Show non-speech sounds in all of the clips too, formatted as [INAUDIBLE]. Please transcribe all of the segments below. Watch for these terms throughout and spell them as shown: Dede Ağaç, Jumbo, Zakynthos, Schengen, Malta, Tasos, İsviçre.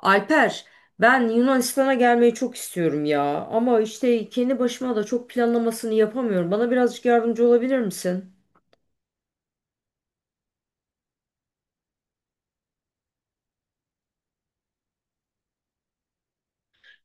Alper, ben Yunanistan'a gelmeyi çok istiyorum ya. Ama işte kendi başıma da çok planlamasını yapamıyorum. Bana birazcık yardımcı olabilir misin?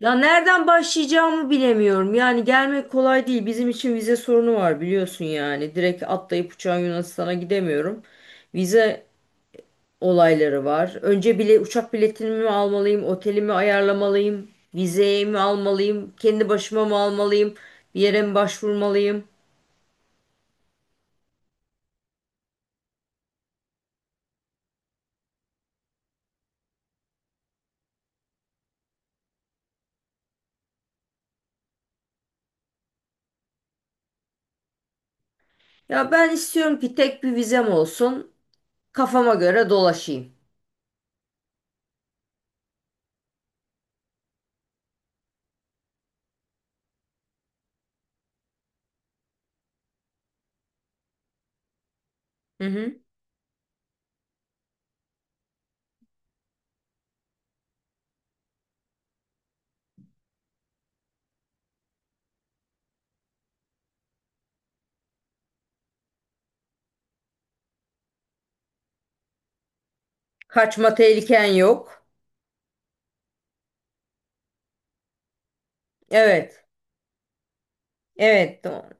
Ya nereden başlayacağımı bilemiyorum. Yani gelmek kolay değil. Bizim için vize sorunu var biliyorsun yani. Direkt atlayıp uçağa Yunanistan'a gidemiyorum. Vize olayları var. Önce bile uçak biletini mi almalıyım, otelimi ayarlamalıyım, vizeyi mi almalıyım, kendi başıma mı almalıyım, bir yere mi başvurmalıyım? Ya ben istiyorum ki tek bir vizem olsun. Kafama göre dolaşayım. Hı hı. Kaçma tehliken yok. Evet. Evet, doğru.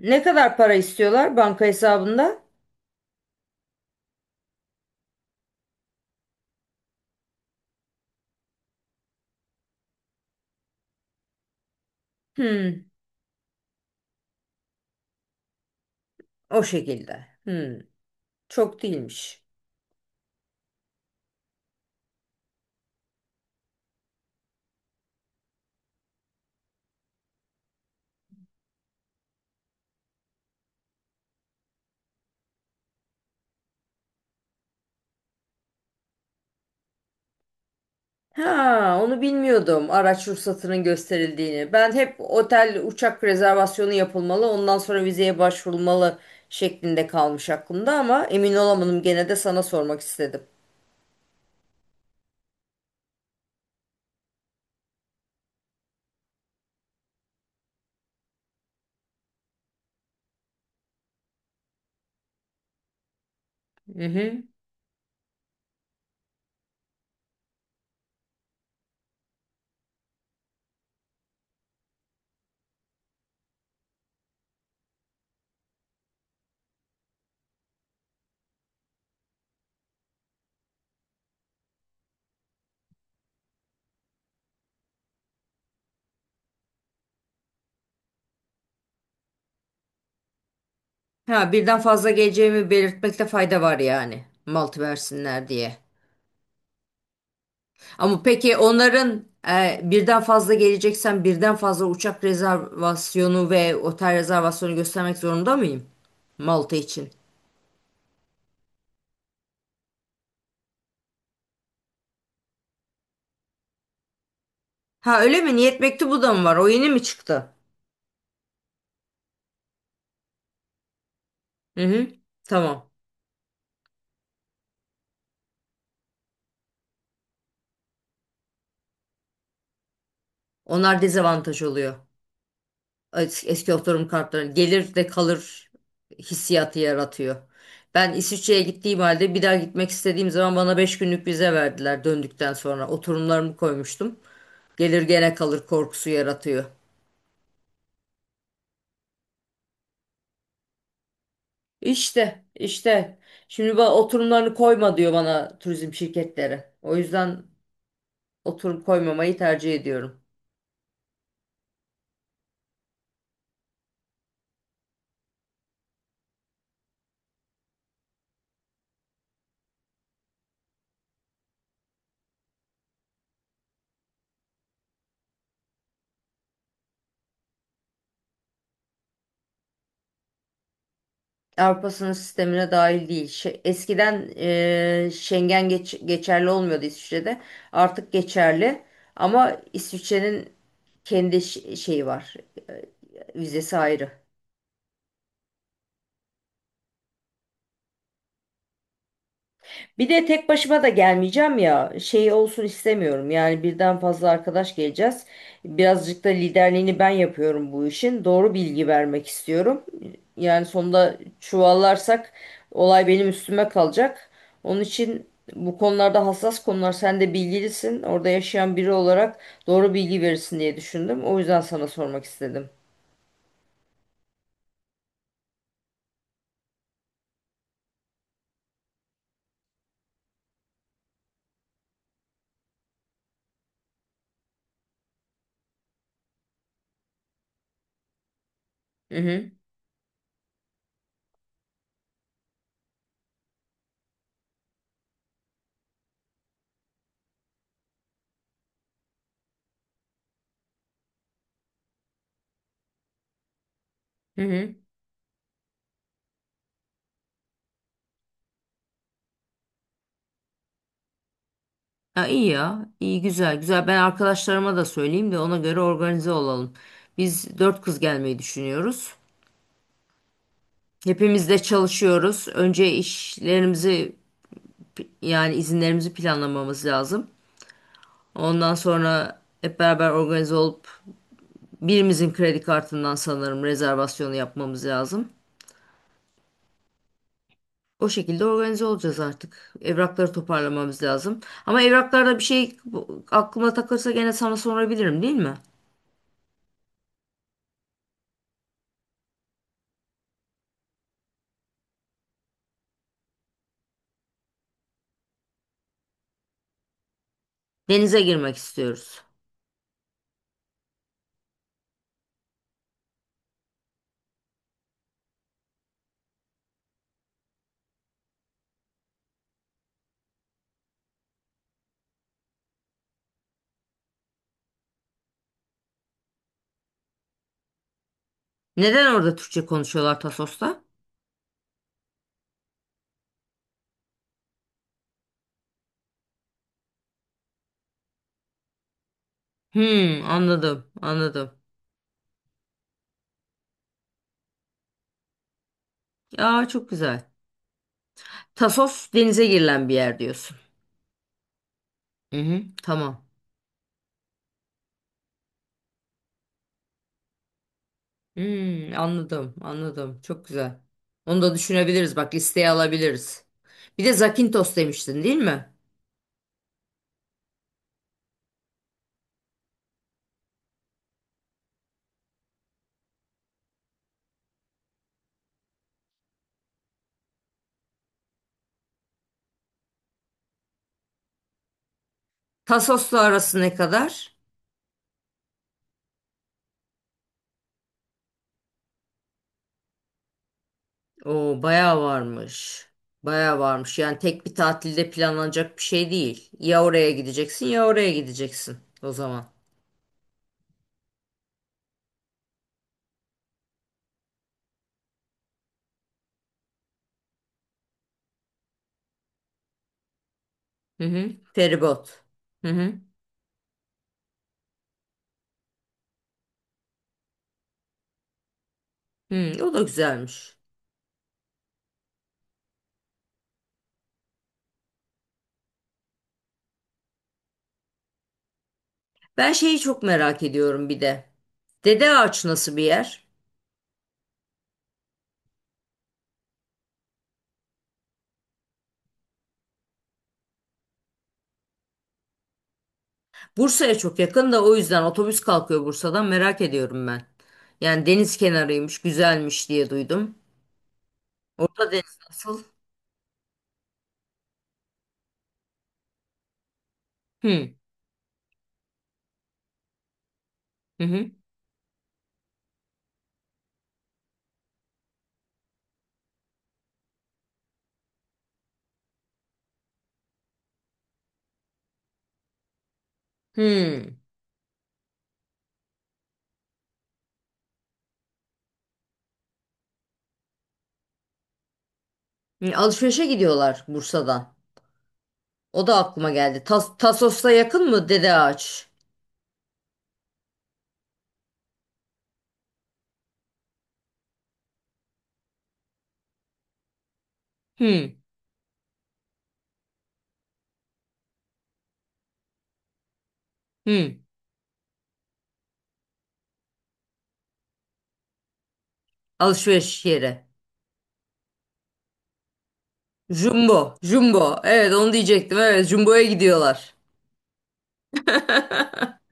Ne kadar para istiyorlar banka hesabında? Hmm. O şekilde. Hmm. Çok değilmiş. Ha, onu bilmiyordum araç ruhsatının gösterildiğini. Ben hep otel uçak rezervasyonu yapılmalı, ondan sonra vizeye başvurulmalı şeklinde kalmış aklımda ama emin olamadım gene de sana sormak istedim. Hı hı. Ha, birden fazla geleceğimi belirtmekte fayda var yani. Malt versinler diye. Ama peki onların birden fazla geleceksen birden fazla uçak rezervasyonu ve otel rezervasyonu göstermek zorunda mıyım? Malta için. Ha öyle mi? Niyet mektubu da mı var? O yeni mi çıktı? Hı hı. Tamam. Onlar dezavantaj oluyor. Eski oturum kartları gelir de kalır hissiyatı yaratıyor. Ben İsviçre'ye gittiğim halde bir daha gitmek istediğim zaman bana 5 günlük vize verdiler döndükten sonra. Oturumlarımı koymuştum. Gelir gene kalır korkusu yaratıyor. İşte, işte. Şimdi bana oturumlarını koyma diyor bana turizm şirketleri. O yüzden oturum koymamayı tercih ediyorum. Avrupa sınır sistemine dahil değil. Eskiden Schengen geçerli olmuyordu İsviçre'de. Artık geçerli. Ama İsviçre'nin kendi şeyi var. Eee, Vizesi ayrı. Bir de tek başıma da gelmeyeceğim ya. Şey olsun istemiyorum. Yani birden fazla arkadaş geleceğiz. Birazcık da liderliğini ben yapıyorum bu işin. Doğru bilgi vermek istiyorum. Yani sonunda çuvallarsak olay benim üstüme kalacak. Onun için bu konularda hassas konular. Sen de bilgilisin. Orada yaşayan biri olarak doğru bilgi verirsin diye düşündüm. O yüzden sana sormak istedim. Hı hı. Hı hı. Ya iyi ya, iyi güzel güzel. Ben arkadaşlarıma da söyleyeyim de ona göre organize olalım. Biz dört kız gelmeyi düşünüyoruz. Hepimiz de çalışıyoruz. Önce işlerimizi yani izinlerimizi planlamamız lazım. Ondan sonra hep beraber organize olup birimizin kredi kartından sanırım rezervasyonu yapmamız lazım. O şekilde organize olacağız artık. Evrakları toparlamamız lazım. Ama evraklarda bir şey aklıma takılırsa gene sana sorabilirim değil mi? Denize girmek istiyoruz. Neden orada Türkçe konuşuyorlar Tasos'ta? Hmm, anladım, anladım. Ya çok güzel. Tasos denize girilen bir yer diyorsun. Hı hı, tamam. Hmm, anladım, anladım. Çok güzel. Onu da düşünebiliriz. Bak listeye alabiliriz. Bir de Zakintos demiştin, değil mi? Tasos'la arası ne kadar? Oo, bayağı varmış. Bayağı varmış. Yani tek bir tatilde planlanacak bir şey değil. Ya oraya gideceksin ya oraya gideceksin o zaman. Hı hı. Feribot. Hı hı. Hmm, o da güzelmiş. Ben şeyi çok merak ediyorum bir de. Dede Ağaç nasıl bir yer? Bursa'ya çok yakın da o yüzden otobüs kalkıyor Bursa'dan merak ediyorum ben. Yani deniz kenarıymış, güzelmiş diye duydum. Orta deniz nasıl? Hmm, hı hı. Hmm. Hı, alışverişe gidiyorlar Bursa'dan. O da aklıma geldi. Tasos'ta yakın mı Dede Ağaç? Hmm, hmm. Alışveriş yeri. Jumbo, Jumbo. Evet onu diyecektim. Evet, Jumbo'ya gidiyorlar. [LAUGHS]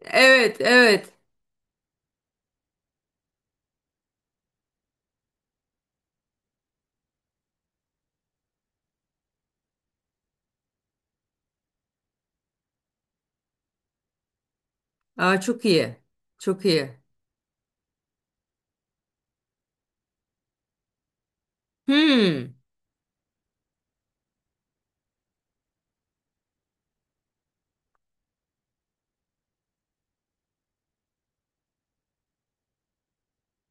Evet, evet. Aa, çok iyi. Çok iyi. Hmm.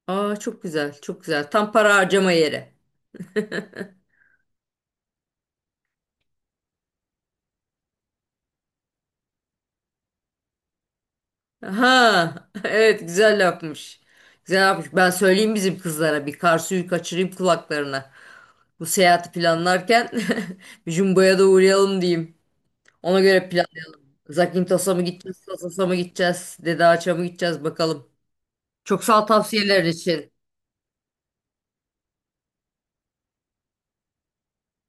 Aa, çok güzel, çok güzel. Tam para harcama yeri. Aha, [LAUGHS] evet güzel yapmış. Güzel yapmış. Ben söyleyeyim bizim kızlara bir kar suyu kaçırayım kulaklarına. Bu seyahati planlarken [LAUGHS] bir jumboya da uğrayalım diyeyim. Ona göre plan. Zakintos'a mı gideceğiz, Sosos'a mı gideceğiz, Dede Ağaç'a mı gideceğiz bakalım. Çok sağ ol tavsiyeler için.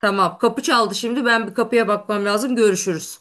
Tamam, kapı çaldı şimdi. Ben bir kapıya bakmam lazım. Görüşürüz.